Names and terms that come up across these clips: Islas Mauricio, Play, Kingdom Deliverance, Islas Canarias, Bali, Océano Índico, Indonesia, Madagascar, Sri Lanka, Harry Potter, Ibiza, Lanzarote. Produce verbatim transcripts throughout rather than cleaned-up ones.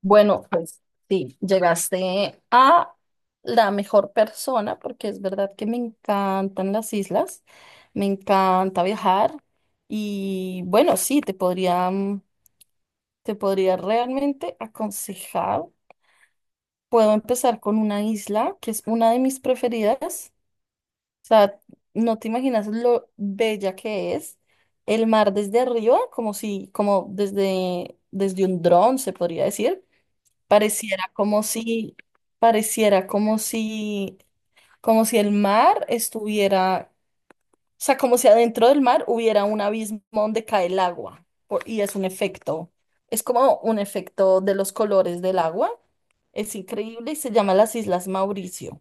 Bueno, pues sí, llegaste a la mejor persona porque es verdad que me encantan las islas, me encanta viajar y bueno, sí, te podría, mm, te podría realmente aconsejar. Puedo empezar con una isla que es una de mis preferidas. O sea, no te imaginas lo bella que es. El mar desde arriba, como si, como desde desde un dron, se podría decir. Pareciera como si, pareciera como si, como si el mar estuviera, o sea, como si adentro del mar hubiera un abismo donde cae el agua, por- y es un efecto, es como un efecto de los colores del agua, es increíble y se llama las Islas Mauricio.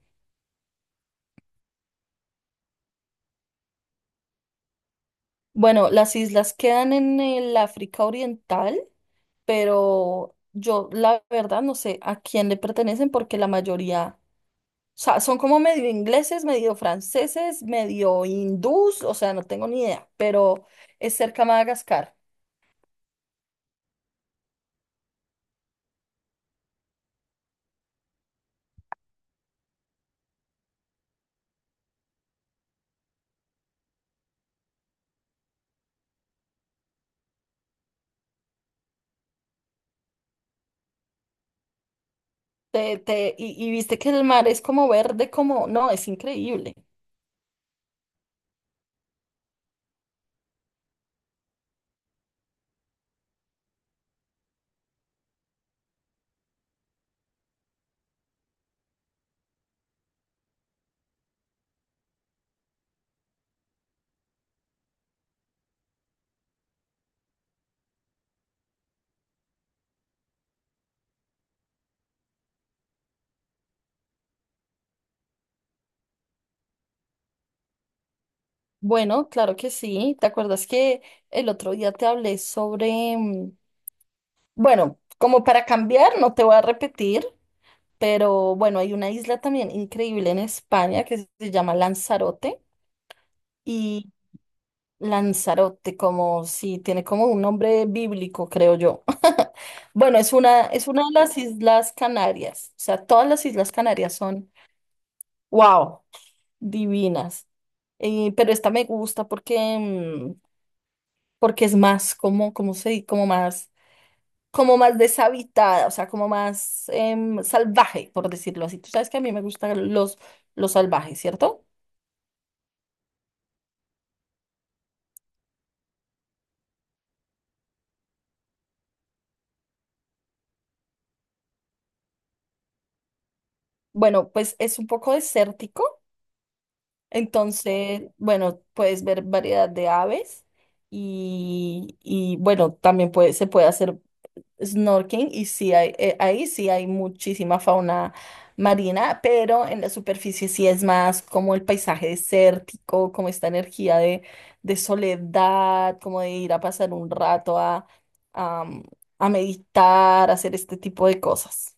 Bueno, las islas quedan en el África Oriental, pero yo la verdad no sé a quién le pertenecen porque la mayoría. O sea, son como medio ingleses, medio franceses, medio hindús, o sea, no tengo ni idea, pero es cerca a Madagascar. Te, te, y, y viste que el mar es como verde, como, no, es increíble. Bueno, claro que sí. ¿Te acuerdas que el otro día te hablé sobre, mm, bueno, como para cambiar, no te voy a repetir, pero bueno, hay una isla también increíble en España que se llama Lanzarote. Y Lanzarote, como si tiene como un nombre bíblico, creo yo. Bueno, es una, es una de las Islas Canarias. O sea, todas las Islas Canarias son, wow, divinas. Eh, pero esta me gusta porque, mm, porque es más como, como se di- como más, como más deshabitada, o sea, como más em, salvaje, por decirlo así. Tú sabes que a mí me gustan los, los salvajes, ¿cierto? Bueno, pues es un poco desértico. Entonces, bueno, puedes ver variedad de aves y, y, bueno, también puede, se puede hacer snorkeling y sí hay, eh, ahí sí hay muchísima fauna marina, pero en la superficie sí es más como el paisaje desértico, como esta energía de, de soledad, como de ir a pasar un rato a, a, a meditar, a hacer este tipo de cosas.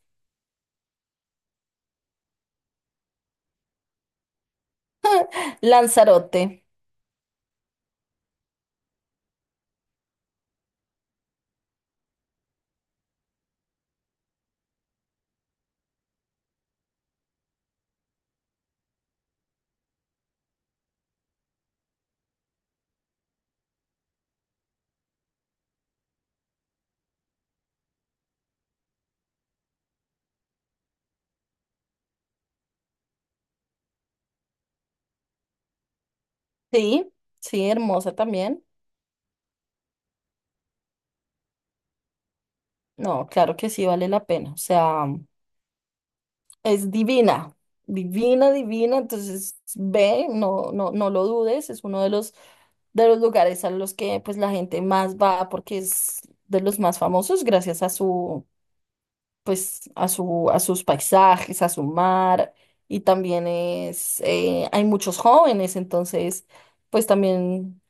Lanzarote, sí, sí, hermosa también. No, claro que sí vale la pena. O sea, es divina, divina, divina. Entonces, ve, no, no, no lo dudes. Es uno de los, de los lugares a los que pues la gente más va porque es de los más famosos gracias a su, pues, a su, a sus paisajes, a su mar. Y también es, eh, hay muchos jóvenes, entonces, pues también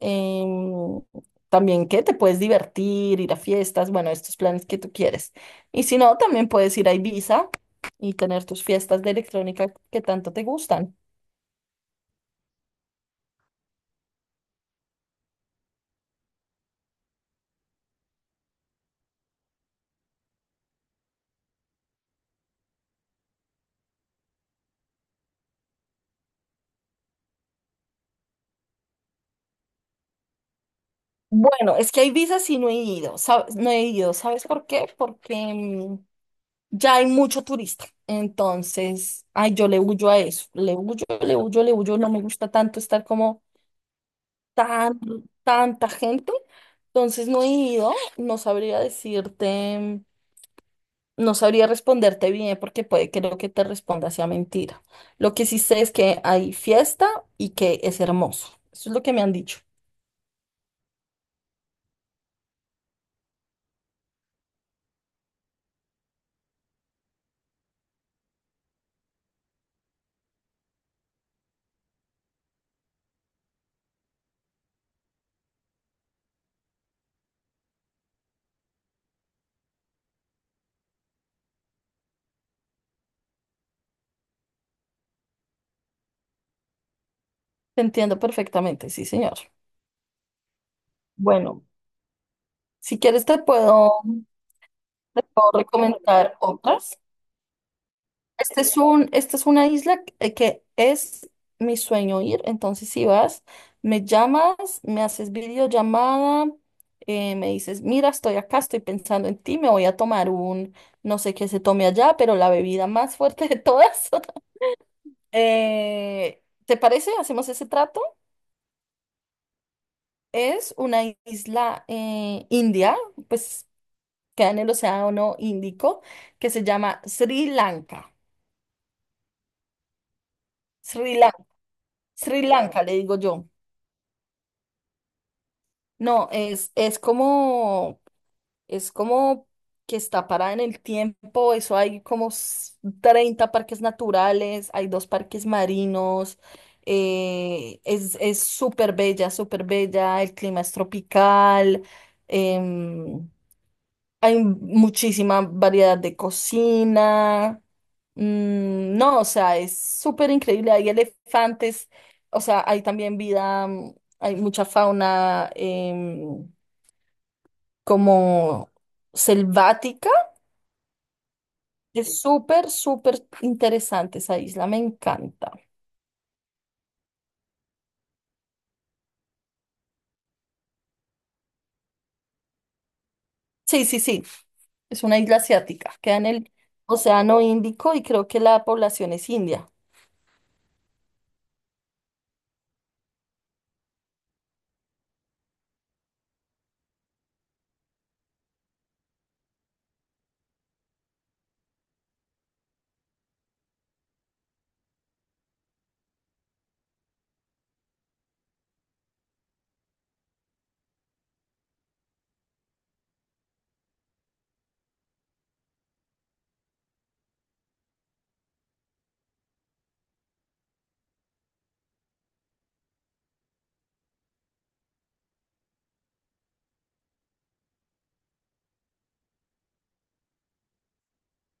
em, también que te puedes divertir, ir a fiestas, bueno, estos planes que tú quieres. Y si no, también puedes ir a Ibiza y tener tus fiestas de electrónica que tanto te gustan. Bueno, es que a Ibiza sí no he ido, ¿sabes? No he ido, ¿sabes por qué? Porque mm, ya hay mucho turista. Entonces, ay, yo le huyo a eso, le huyo, le huyo, le huyo, no me gusta tanto estar como tan, tanta gente. Entonces, no he ido, no sabría decirte. No sabría responderte bien porque puede, creo que te responda sea mentira. Lo que sí sé es que hay fiesta y que es hermoso. Eso es lo que me han dicho. Te entiendo perfectamente, sí, señor. Bueno, si quieres te puedo, te puedo recomendar otras. Este es un, esta es una isla que que es mi sueño ir, entonces si vas, me llamas, me haces videollamada, eh, me dices, mira, estoy acá, estoy pensando en ti, me voy a tomar un, no sé qué se tome allá, pero la bebida más fuerte de todas. Eh, ¿te parece? ¿Hacemos ese trato? Es una isla eh, india, pues queda en el Océano Índico, que se llama Sri Lanka. Sri Lanka, Sri Lanka, le digo yo. No, es, es como, es como que está parada en el tiempo, eso hay como s- treinta parques naturales, hay dos parques marinos, eh, es, es súper bella, súper bella, el clima es tropical, em, hay muchísima variedad de cocina, mm, no, o sea, es súper increíble, hay elefantes, o sea, hay también vida, mm, hay mucha fauna. Em, como selvática. Es súper, súper interesante esa isla, me encanta. Sí, sí, sí, es una isla asiática, queda en el Océano Índico y creo que la población es india.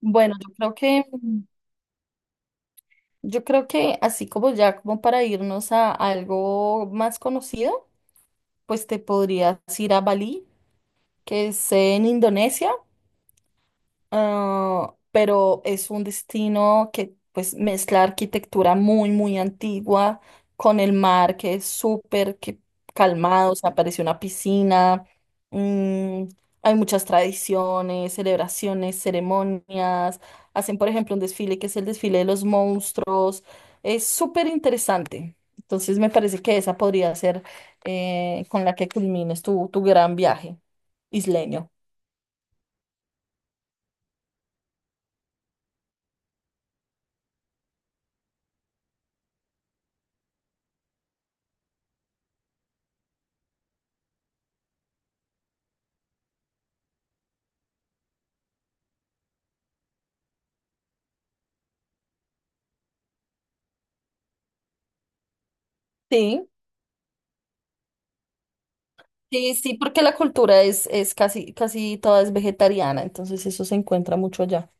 Bueno, yo creo que, yo creo que así como ya, como para irnos a algo más conocido, pues te podrías ir a Bali, que es en Indonesia. Ah, pero es un destino que pues mezcla arquitectura muy, muy antigua con el mar que es súper que calmado, se aparece una piscina, mm, hay muchas tradiciones, celebraciones, ceremonias, hacen por ejemplo un desfile que es el desfile de los monstruos, es súper interesante. Entonces me parece que esa podría ser eh, con la que culmines tu, tu gran viaje isleño. Sí. Sí, sí, porque la cultura es, es casi, casi toda es vegetariana, entonces eso se encuentra mucho allá.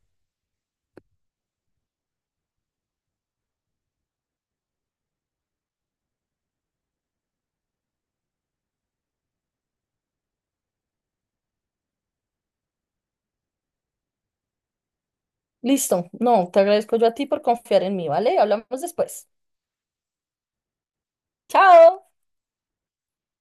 Listo, no, te agradezco yo a ti por confiar en mí, ¿vale? Hablamos después. Chao.